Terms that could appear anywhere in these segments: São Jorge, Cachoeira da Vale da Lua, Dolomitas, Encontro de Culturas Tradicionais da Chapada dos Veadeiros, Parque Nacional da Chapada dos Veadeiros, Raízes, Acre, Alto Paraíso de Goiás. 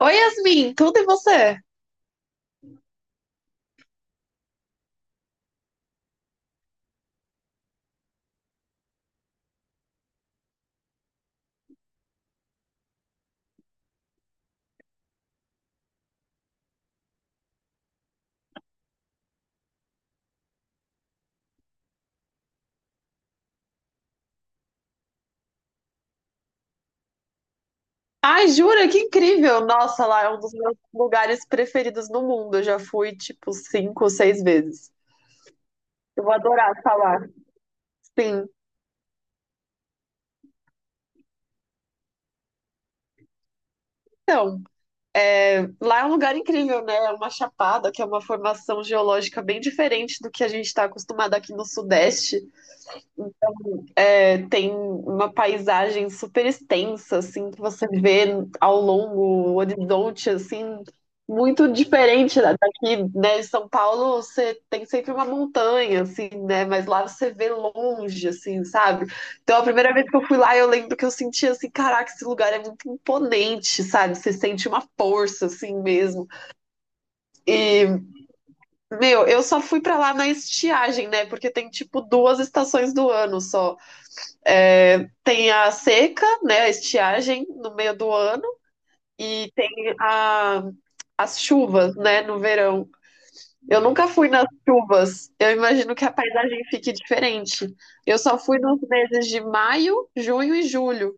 Oi, Yasmin, tudo e você? Ai, jura, que incrível! Nossa, lá é um dos meus lugares preferidos no mundo. Eu já fui, tipo, cinco, seis vezes. Eu vou adorar estar lá. Sim. Então, lá é um lugar incrível, né? É uma chapada, que é uma formação geológica bem diferente do que a gente está acostumado aqui no Sudeste. É, tem uma paisagem super extensa, assim, que você vê ao longo, o horizonte, assim, muito diferente daqui, né? Em São Paulo você tem sempre uma montanha, assim, né? Mas lá você vê longe, assim, sabe? Então a primeira vez que eu fui lá, eu lembro que eu senti assim, caraca, esse lugar é muito imponente, sabe? Você sente uma força, assim mesmo. E, meu, eu só fui pra lá na estiagem, né? Porque tem tipo duas estações do ano só. É, tem a seca, né, a estiagem no meio do ano e tem a, as chuvas, né, no verão. Eu nunca fui nas chuvas. Eu imagino que a paisagem fique diferente. Eu só fui nos meses de maio, junho e julho.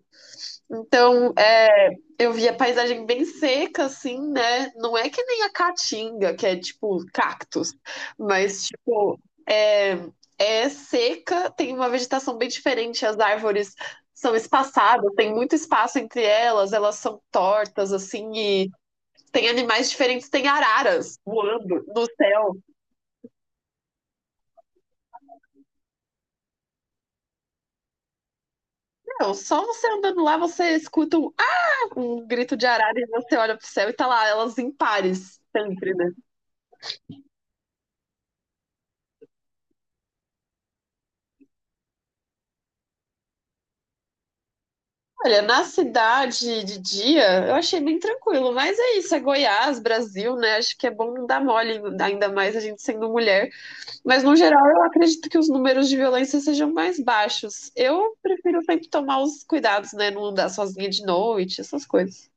Então, eu vi a paisagem bem seca, assim, né? Não é que nem a caatinga, que é tipo cactos, mas tipo, é, é seca, tem uma vegetação bem diferente, as árvores são espaçadas, tem muito espaço entre elas, elas são tortas, assim, e tem animais diferentes, tem araras voando no céu. Não, só você andando lá, você escuta um grito de arara e você olha pro céu e tá lá, elas em pares, sempre, né? Olha, na cidade de dia, eu achei bem tranquilo, mas é isso, é Goiás, Brasil, né? Acho que é bom não dar mole, ainda mais a gente sendo mulher. Mas no geral, eu acredito que os números de violência sejam mais baixos. Eu prefiro sempre tomar os cuidados, né? Não andar sozinha de noite, essas coisas.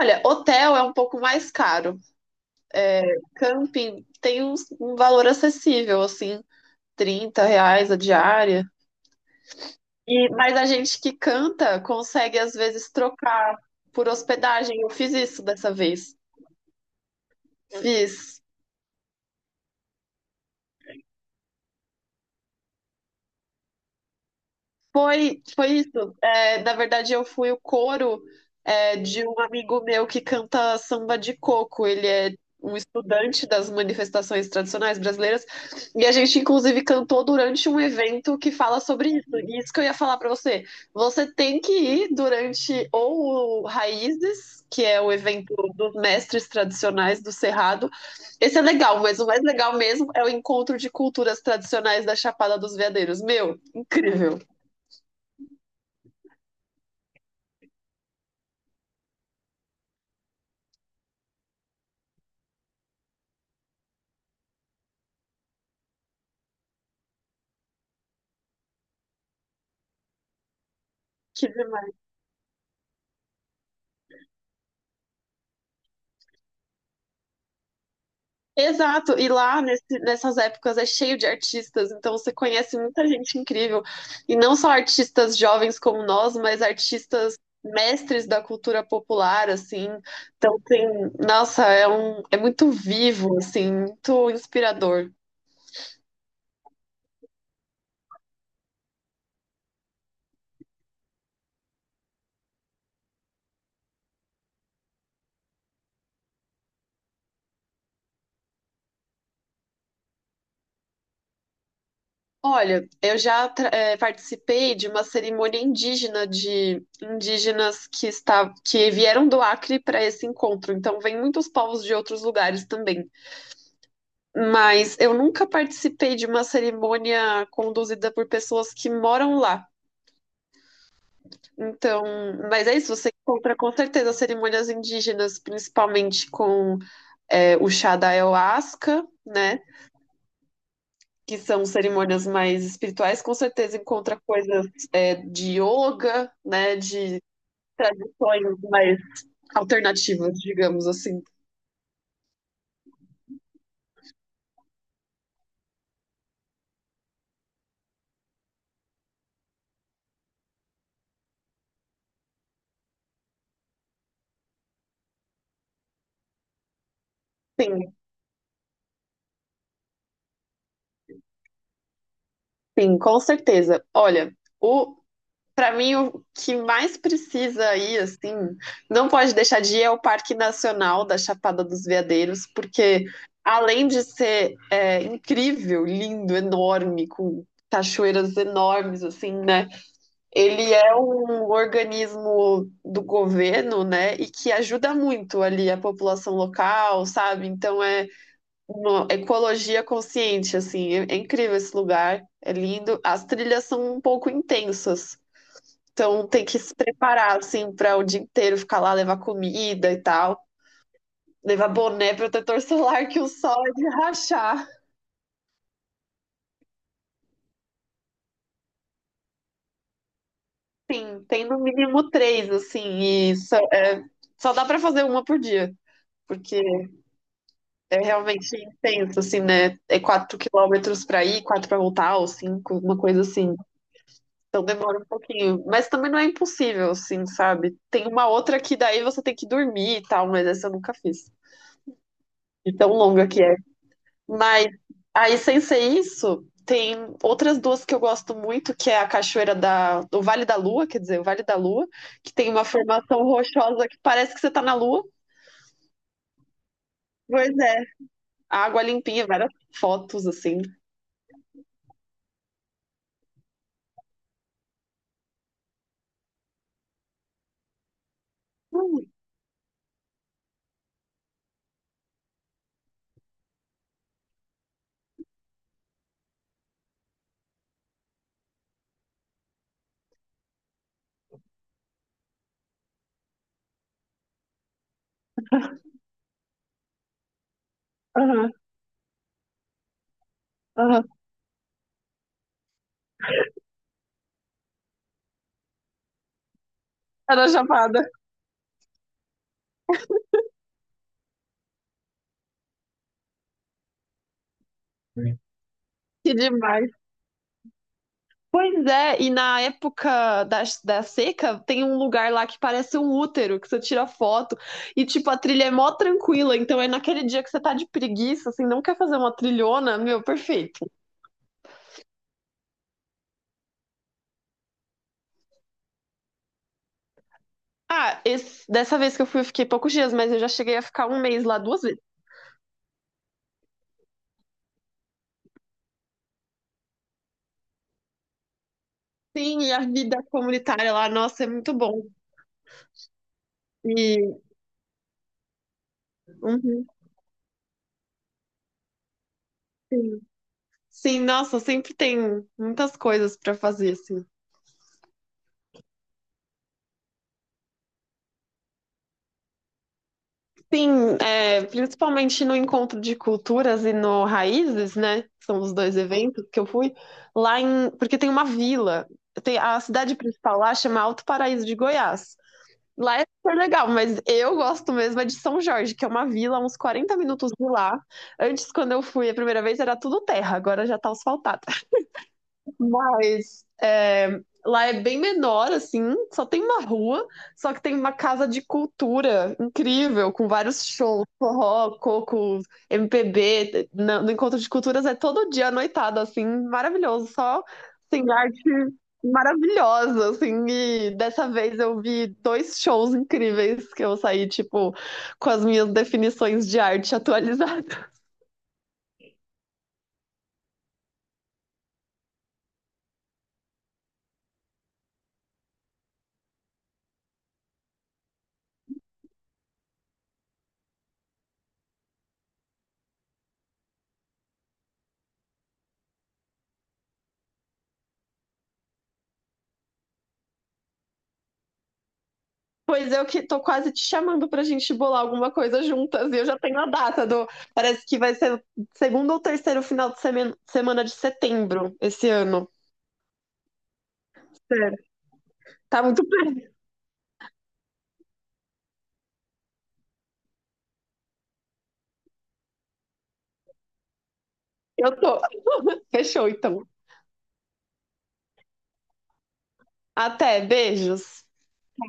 Olha, hotel é um pouco mais caro. Camping tem um valor acessível, assim, R$ 30 a diária. E, mas a gente que canta consegue às vezes trocar por hospedagem. Eu fiz isso dessa vez. Fiz. Foi, foi isso. Na verdade, eu fui o coro, de um amigo meu que canta samba de coco. Ele é um estudante das manifestações tradicionais brasileiras. E a gente, inclusive, cantou durante um evento que fala sobre isso. E isso que eu ia falar para você. Você tem que ir durante ou o Raízes, que é o evento dos mestres tradicionais do Cerrado. Esse é legal, mas o mais legal mesmo é o encontro de culturas tradicionais da Chapada dos Veadeiros. Meu, incrível. Que demais. Exato, e lá nessas épocas é cheio de artistas, então você conhece muita gente incrível. E não só artistas jovens como nós, mas artistas mestres da cultura popular, assim. Então tem, nossa, é muito vivo, assim, muito inspirador. Olha, eu já participei de uma cerimônia indígena de indígenas que está, que vieram do Acre para esse encontro. Então, vem muitos povos de outros lugares também. Mas eu nunca participei de uma cerimônia conduzida por pessoas que moram lá. Então, mas é isso, você encontra com certeza cerimônias indígenas, principalmente com o chá da ayahuasca, né? Que são cerimônias mais espirituais, com certeza encontra coisas de yoga, né? De tradições mais alternativas, digamos assim. Sim, sim, com certeza. Olha, o pra mim, o que mais precisa ir, assim, não pode deixar de ir é o Parque Nacional da Chapada dos Veadeiros, porque além de ser incrível, lindo, enorme, com cachoeiras enormes, assim, né? Ele é um organismo do governo, né? E que ajuda muito ali a população local, sabe? Então é uma ecologia consciente, assim, é incrível esse lugar, é lindo. As trilhas são um pouco intensas. Então tem que se preparar, assim, para o dia inteiro ficar lá, levar comida e tal. Levar boné, protetor solar, que o sol é de rachar. Sim, tem no mínimo três, assim, e só, só dá para fazer uma por dia, porque é realmente intenso, assim, né? É 4 quilômetros para ir, 4 para voltar, ou 5, uma coisa assim. Então demora um pouquinho, mas também não é impossível, assim, sabe? Tem uma outra que daí você tem que dormir e tal, mas essa eu nunca fiz. De tão longa que é. Mas aí, sem ser isso, tem outras duas que eu gosto muito, que é a Cachoeira do Vale da Lua, quer dizer, o Vale da Lua, que tem uma formação rochosa que parece que você tá na Lua. Pois é, água limpinha, várias fotos assim. Hum. Aham, aham. Era chapada, que demais. Pois é, e na época da seca, tem um lugar lá que parece um útero, que você tira foto, e tipo, a trilha é mó tranquila, então é naquele dia que você tá de preguiça, assim, não quer fazer uma trilhona, meu, perfeito. Ah, esse- dessa vez que eu fui, eu fiquei poucos dias, mas eu já cheguei a ficar um mês lá duas vezes. Sim, e a vida comunitária lá, nossa, é muito bom. E, uhum, sim. Sim, nossa, sempre tem muitas coisas para fazer, assim. Sim, é, principalmente no encontro de culturas e no Raízes, né? São os dois eventos que eu fui lá, porque tem uma vila, tem a cidade principal lá chama Alto Paraíso de Goiás. Lá é super legal, mas eu gosto mesmo é de São Jorge, que é uma vila, uns 40 minutos de lá. Antes, quando eu fui a primeira vez, era tudo terra, agora já tá asfaltado. Mas é, lá é bem menor, assim, só tem uma rua, só que tem uma casa de cultura incrível, com vários shows, forró, coco, MPB. No Encontro de Culturas é todo dia à noitada, assim, maravilhoso, só assim, arte maravilhosa, assim, e dessa vez eu vi dois shows incríveis que eu saí, tipo, com as minhas definições de arte atualizadas. Pois eu que tô quase te chamando pra gente bolar alguma coisa juntas. E eu já tenho a data do. Parece que vai ser o segundo ou terceiro final de semana de setembro esse ano. Sério. Tá muito perto. Eu tô. Fechou, então. Até, beijos.